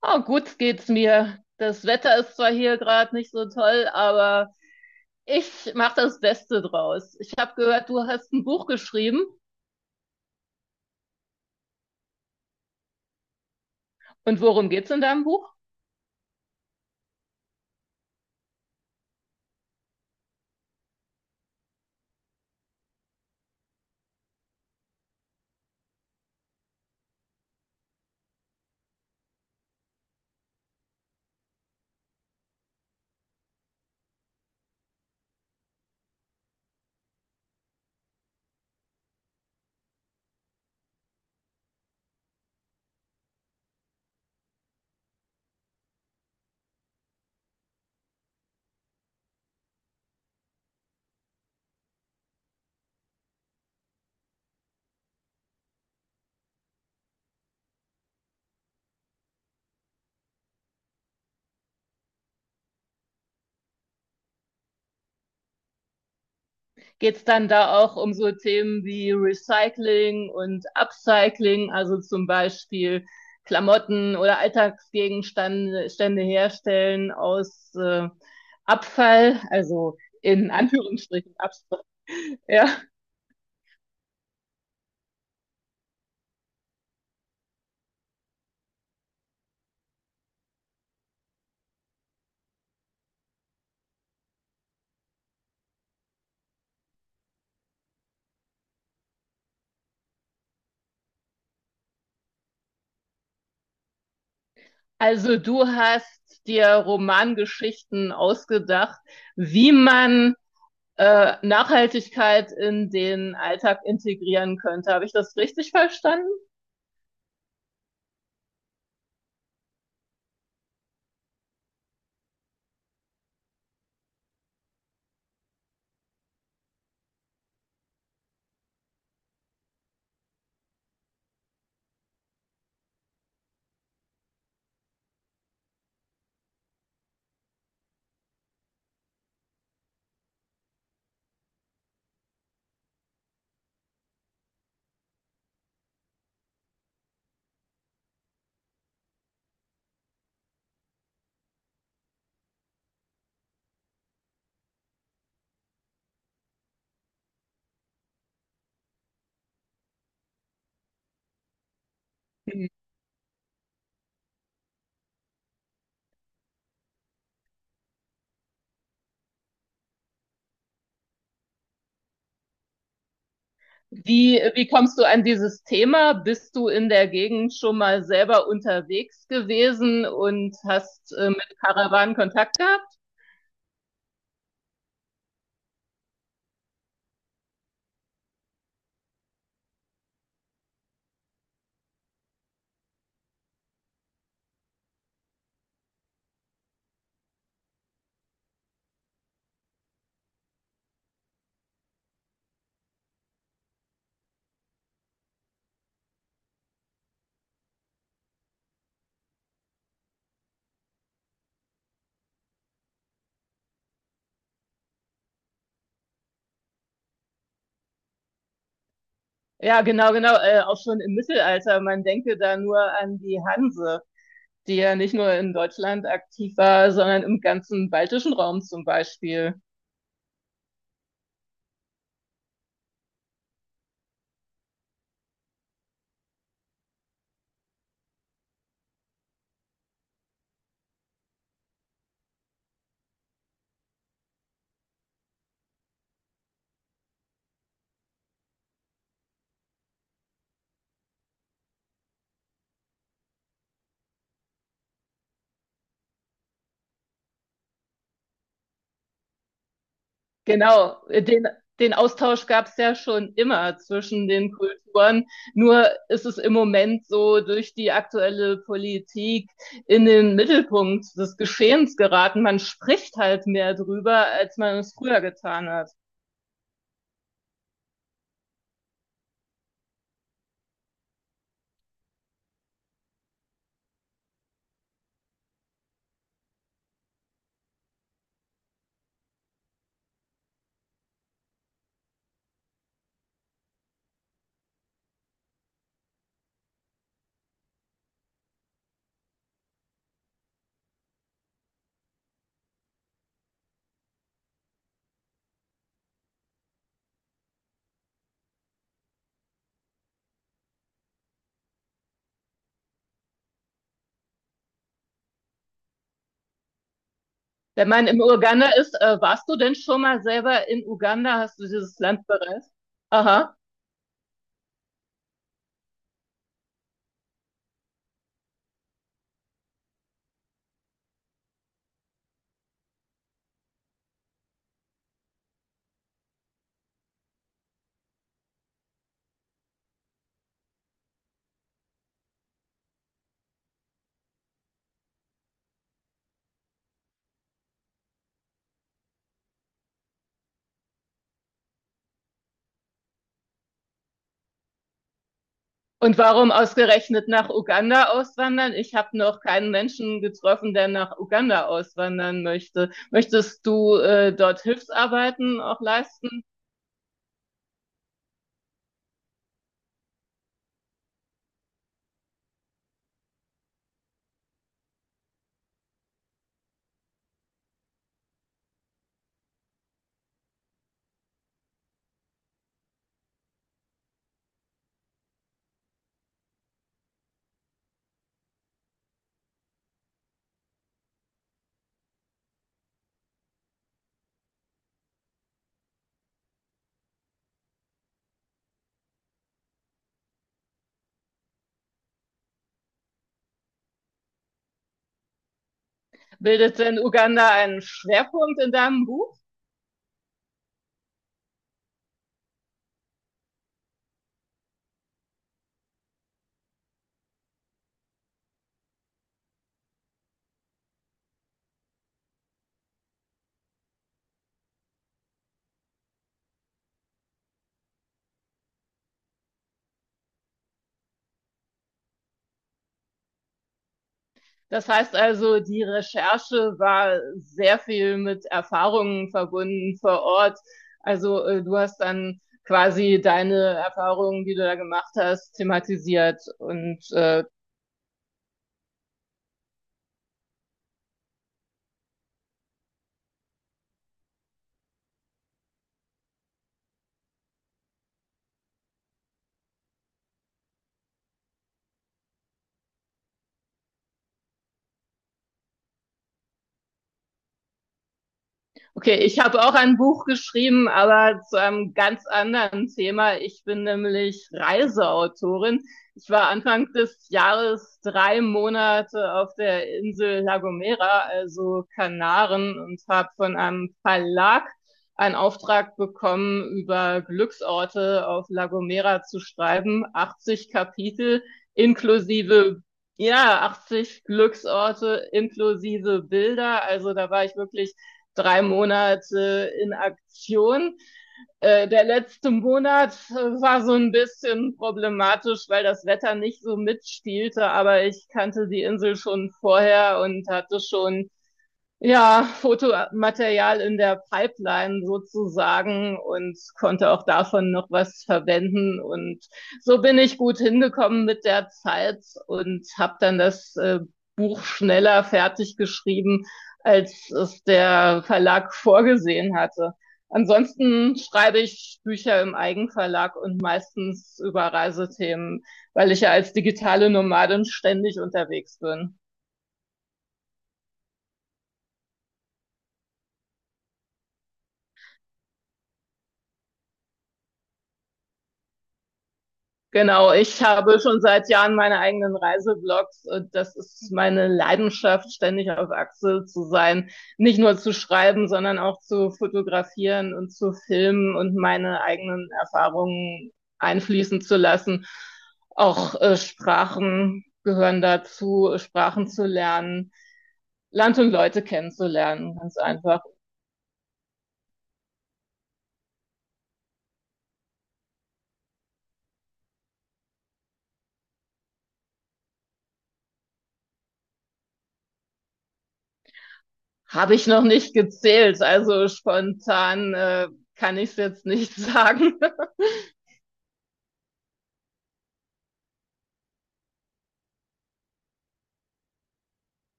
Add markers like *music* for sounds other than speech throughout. Ah, gut geht's mir. Das Wetter ist zwar hier gerade nicht so toll, aber ich mache das Beste draus. Ich habe gehört, du hast ein Buch geschrieben. Und worum geht's in deinem Buch? Geht's dann da auch um so Themen wie Recycling und Upcycling, also zum Beispiel Klamotten oder Alltagsgegenstände Stände herstellen aus Abfall, also in Anführungsstrichen Abfall. Ja. Also du hast dir Romangeschichten ausgedacht, wie man Nachhaltigkeit in den Alltag integrieren könnte. Habe ich das richtig verstanden? Mhm. Wie kommst du an dieses Thema? Bist du in der Gegend schon mal selber unterwegs gewesen und hast mit Karawanen Kontakt gehabt? Ja, genau, genau, auch schon im Mittelalter. Man denke da nur an die Hanse, die ja nicht nur in Deutschland aktiv war, sondern im ganzen baltischen Raum zum Beispiel. Genau, den, den Austausch gab es ja schon immer zwischen den Kulturen. Nur ist es im Moment so durch die aktuelle Politik in den Mittelpunkt des Geschehens geraten. Man spricht halt mehr drüber, als man es früher getan hat. Wenn man in Uganda ist, warst du denn schon mal selber in Uganda? Hast du dieses Land bereist? Aha. Und warum ausgerechnet nach Uganda auswandern? Ich habe noch keinen Menschen getroffen, der nach Uganda auswandern möchte. Möchtest du dort Hilfsarbeiten auch leisten? Bildet denn Uganda einen Schwerpunkt in deinem Buch? Das heißt also, die Recherche war sehr viel mit Erfahrungen verbunden vor Ort. Also du hast dann quasi deine Erfahrungen, die du da gemacht hast, thematisiert und Okay, ich habe auch ein Buch geschrieben, aber zu einem ganz anderen Thema. Ich bin nämlich Reiseautorin. Ich war Anfang des Jahres drei Monate auf der Insel La Gomera, also Kanaren, und habe von einem Verlag einen Auftrag bekommen, über Glücksorte auf La Gomera zu schreiben. 80 Kapitel inklusive, ja, 80 Glücksorte inklusive Bilder. Also da war ich wirklich drei Monate in Aktion. Der letzte Monat war so ein bisschen problematisch, weil das Wetter nicht so mitspielte, aber ich kannte die Insel schon vorher und hatte schon, ja, Fotomaterial in der Pipeline sozusagen und konnte auch davon noch was verwenden. Und so bin ich gut hingekommen mit der Zeit und habe dann das Buch schneller fertig geschrieben, als es der Verlag vorgesehen hatte. Ansonsten schreibe ich Bücher im Eigenverlag und meistens über Reisethemen, weil ich ja als digitale Nomadin ständig unterwegs bin. Genau, ich habe schon seit Jahren meine eigenen Reiseblogs und das ist meine Leidenschaft, ständig auf Achse zu sein, nicht nur zu schreiben, sondern auch zu fotografieren und zu filmen und meine eigenen Erfahrungen einfließen zu lassen. Auch Sprachen gehören dazu, Sprachen zu lernen, Land und Leute kennenzulernen, ganz einfach. Habe ich noch nicht gezählt, also spontan kann ich es jetzt nicht *laughs* sagen.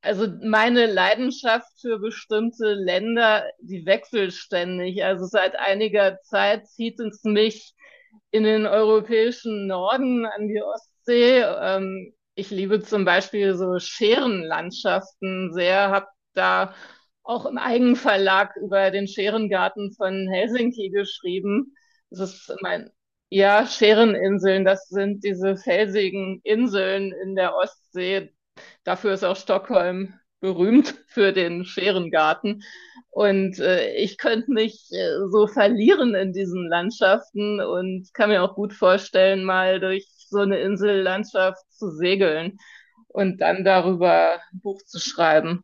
Also meine Leidenschaft für bestimmte Länder, die wechselt ständig. Also seit einiger Zeit zieht es mich in den europäischen Norden an die Ostsee. Ich liebe zum Beispiel so Scherenlandschaften sehr, habe da auch im Eigenverlag über den Scherengarten von Helsinki geschrieben. Das ist mein, ja, Schereninseln, das sind diese felsigen Inseln in der Ostsee. Dafür ist auch Stockholm berühmt für den Scherengarten. Und ich könnte mich so verlieren in diesen Landschaften und kann mir auch gut vorstellen, mal durch so eine Insellandschaft zu segeln und dann darüber ein Buch zu schreiben.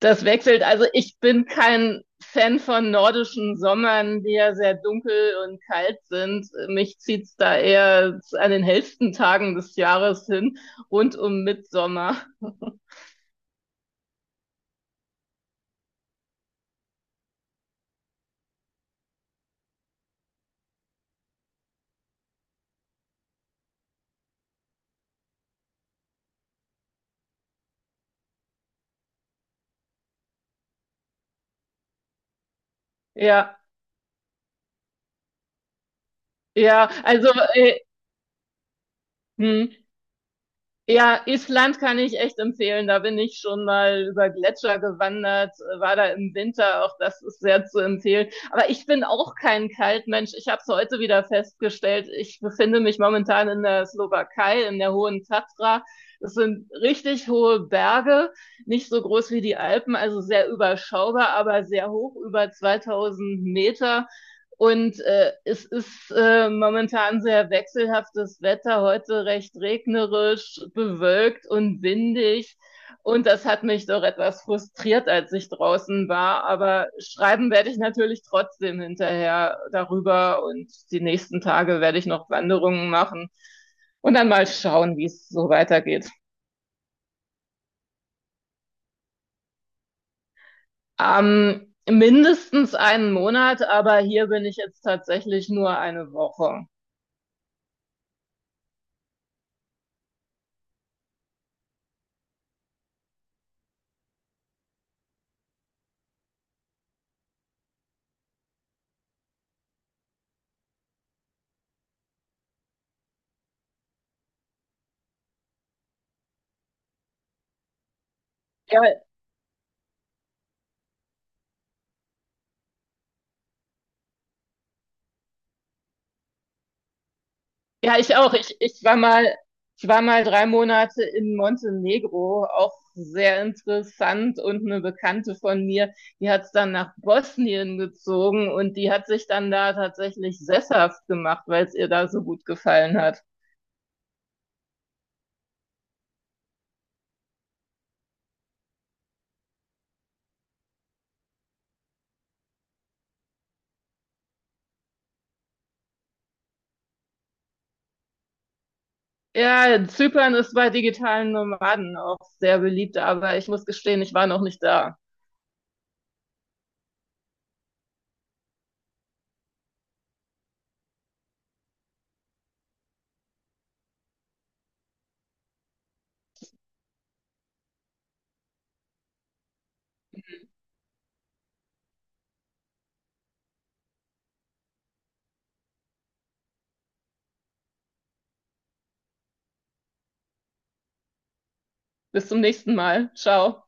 Das wechselt. Also ich bin kein Fan von nordischen Sommern, die ja sehr dunkel und kalt sind. Mich zieht's da eher an den hellsten Tagen des Jahres hin, rund um Mitsommer. Ja, ja, also, hm, ja, Island kann ich echt empfehlen. Da bin ich schon mal über Gletscher gewandert, war da im Winter, auch das ist sehr zu empfehlen. Aber ich bin auch kein Kaltmensch. Ich habe es heute wieder festgestellt. Ich befinde mich momentan in der Slowakei, in der Hohen Tatra. Das sind richtig hohe Berge, nicht so groß wie die Alpen, also sehr überschaubar, aber sehr hoch, über 2000 Meter. Und es ist momentan sehr wechselhaftes Wetter, heute recht regnerisch, bewölkt und windig. Und das hat mich doch etwas frustriert, als ich draußen war. Aber schreiben werde ich natürlich trotzdem hinterher darüber. Und die nächsten Tage werde ich noch Wanderungen machen und dann mal schauen, wie es so weitergeht. Mindestens einen Monat, aber hier bin ich jetzt tatsächlich nur eine Woche. Ja, ja, ich auch. Ich war mal drei Monate in Montenegro, auch sehr interessant. Und eine Bekannte von mir, die hat es dann nach Bosnien gezogen und die hat sich dann da tatsächlich sesshaft gemacht, weil es ihr da so gut gefallen hat. Ja, Zypern ist bei digitalen Nomaden auch sehr beliebt, aber ich muss gestehen, ich war noch nicht da. Bis zum nächsten Mal. Ciao.